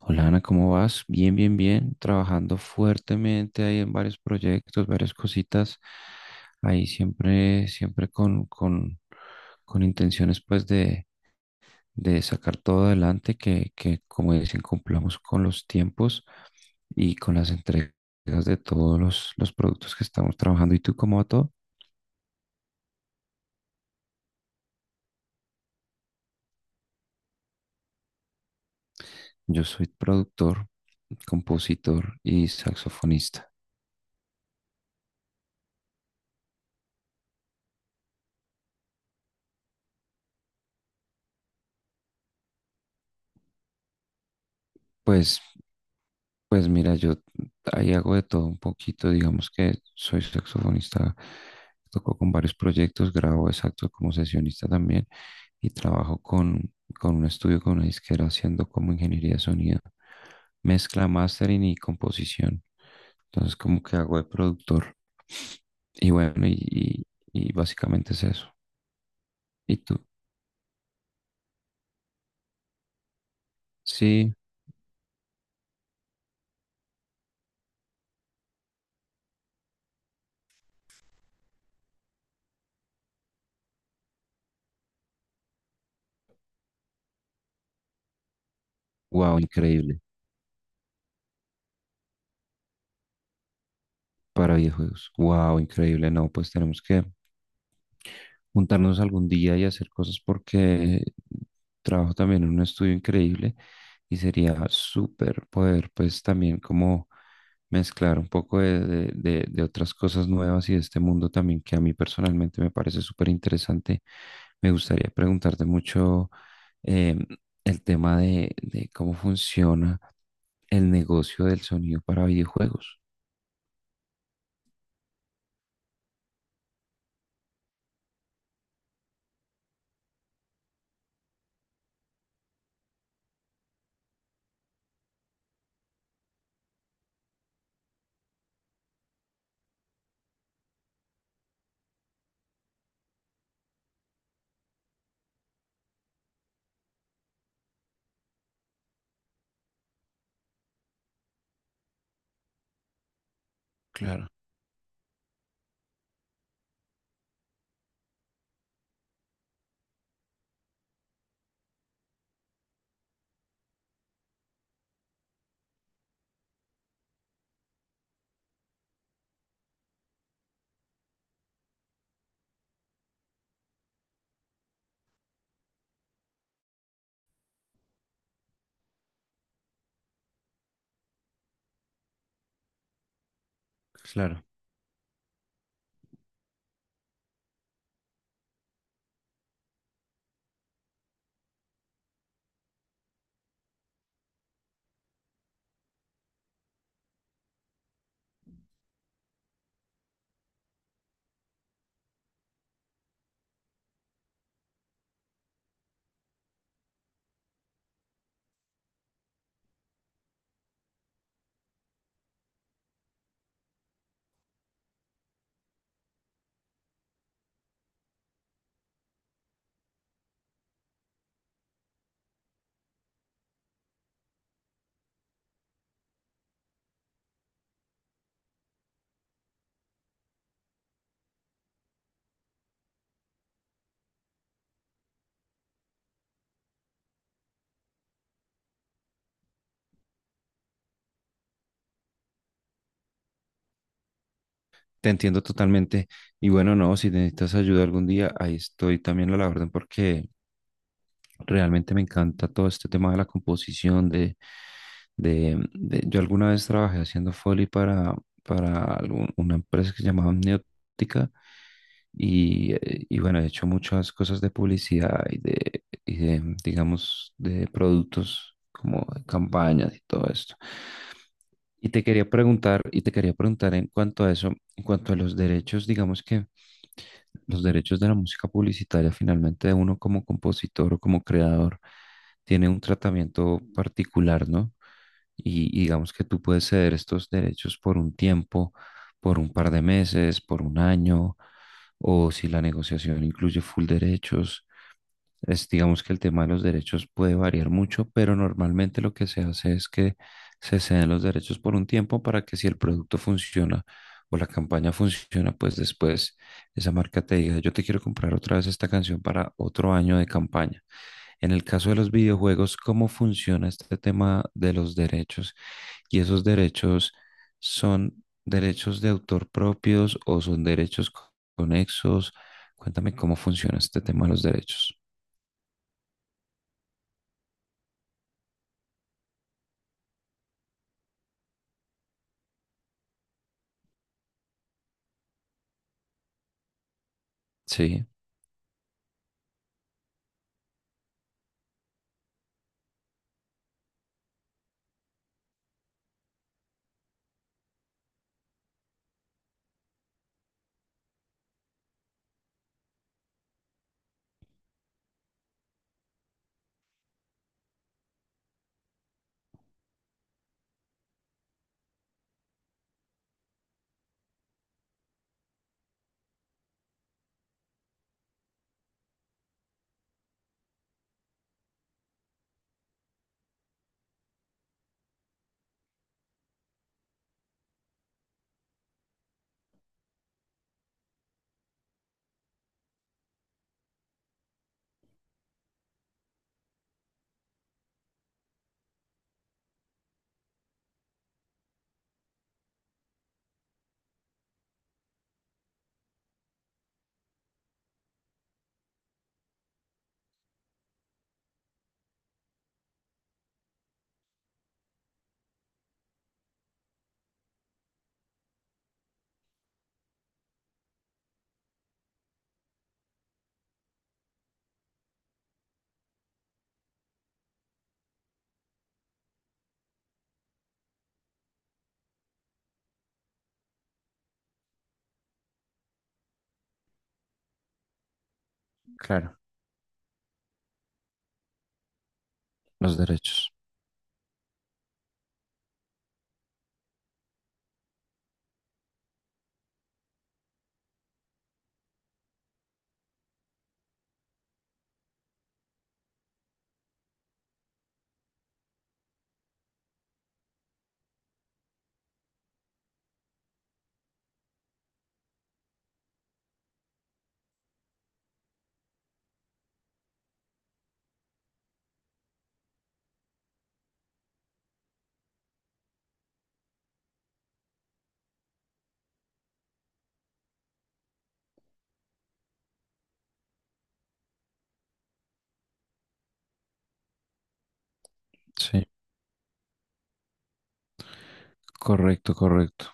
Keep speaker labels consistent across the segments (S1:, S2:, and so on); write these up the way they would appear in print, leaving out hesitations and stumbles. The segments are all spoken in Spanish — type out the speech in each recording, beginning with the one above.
S1: Hola Ana, ¿cómo vas? Bien, bien, bien. Trabajando fuertemente ahí en varios proyectos, varias cositas. Ahí siempre, siempre con intenciones pues de sacar todo adelante, que como dicen, cumplamos con los tiempos y con las entregas de todos los productos que estamos trabajando. ¿Y tú cómo va todo? Yo soy productor, compositor y saxofonista. Pues Pues mira, yo ahí hago de todo un poquito, digamos que soy saxofonista, toco con varios proyectos, grabo exacto como sesionista también y trabajo con un estudio, con una disquera haciendo como ingeniería de sonido, mezcla, mastering y composición. Entonces como que hago de productor y bueno, y y básicamente es eso. ¿Y tú? Sí, wow, increíble. Para videojuegos, wow, increíble, no, pues tenemos que juntarnos algún día y hacer cosas porque trabajo también en un estudio increíble y sería súper poder pues también como mezclar un poco de, de otras cosas nuevas y de este mundo también que a mí personalmente me parece súper interesante. Me gustaría preguntarte mucho em, el tema de cómo funciona el negocio del sonido para videojuegos. Claro, claro. Te entiendo totalmente. Y bueno, no, si necesitas ayuda algún día, ahí estoy también a la orden porque realmente me encanta todo este tema de la composición, de, yo alguna vez trabajé haciendo Foley para una empresa que se llamaba Amniótica y bueno, he hecho muchas cosas de publicidad y de, digamos, de productos como de campañas y todo esto. Y te quería preguntar en cuanto a eso, en cuanto a los derechos, digamos que los derechos de la música publicitaria, finalmente uno como compositor o como creador tiene un tratamiento particular, ¿no? Y digamos que tú puedes ceder estos derechos por un tiempo, por un par de meses, por un año, o si la negociación incluye full derechos. Es, digamos que el tema de los derechos puede variar mucho, pero normalmente lo que se hace es que se ceden los derechos por un tiempo para que si el producto funciona o la campaña funciona, pues después esa marca te diga, yo te quiero comprar otra vez esta canción para otro año de campaña. En el caso de los videojuegos, ¿cómo funciona este tema de los derechos? ¿Y esos derechos son derechos de autor propios o son derechos conexos? Cuéntame cómo funciona este tema de los derechos. Sí, claro. Los derechos. Sí, correcto, correcto.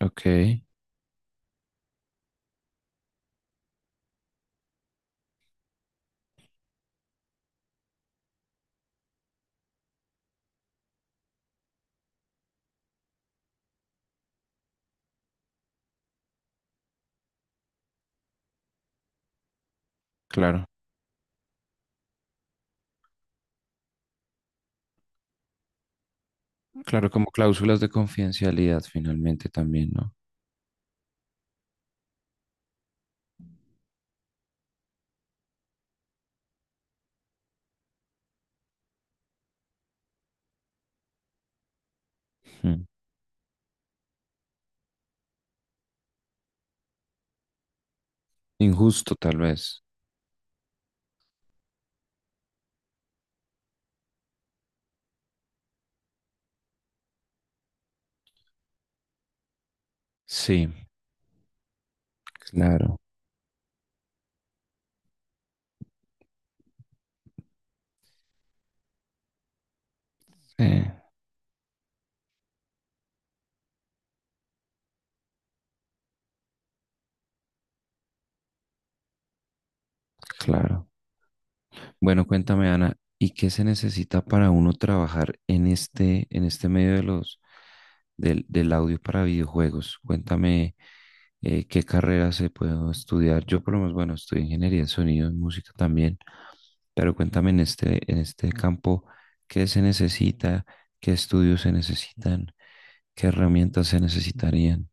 S1: Ok, claro. Claro, como cláusulas de confidencialidad finalmente también, ¿no? Mm. Injusto tal vez. Sí, claro. Sí, claro. Bueno, cuéntame, Ana, ¿y qué se necesita para uno trabajar en este medio de los, del, del audio para videojuegos? Cuéntame, qué carrera se puede estudiar. Yo por lo menos, bueno, estudio ingeniería de sonido, en música también, pero cuéntame en este campo, ¿qué se necesita? ¿Qué estudios se necesitan? ¿Qué herramientas se necesitarían?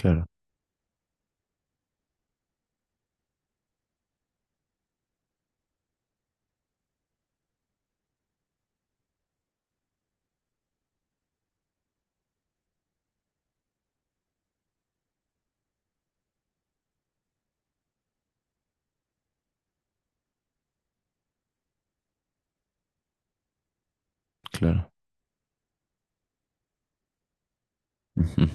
S1: Claro, claro. Ujú.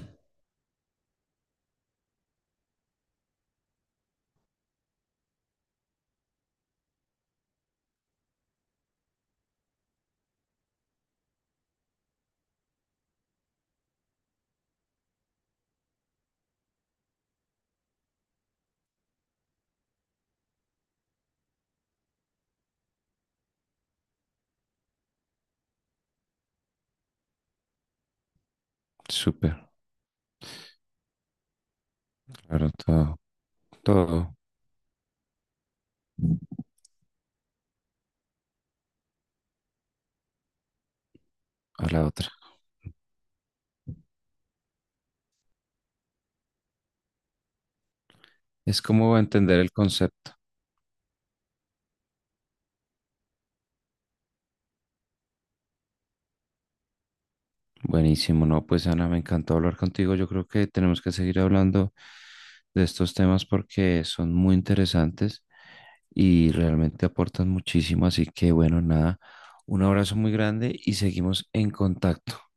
S1: Súper, claro, todo, todo a la otra. Es como entender el concepto. Buenísimo, no, pues Ana, me encantó hablar contigo. Yo creo que tenemos que seguir hablando de estos temas porque son muy interesantes y realmente aportan muchísimo. Así que bueno, nada, un abrazo muy grande y seguimos en contacto.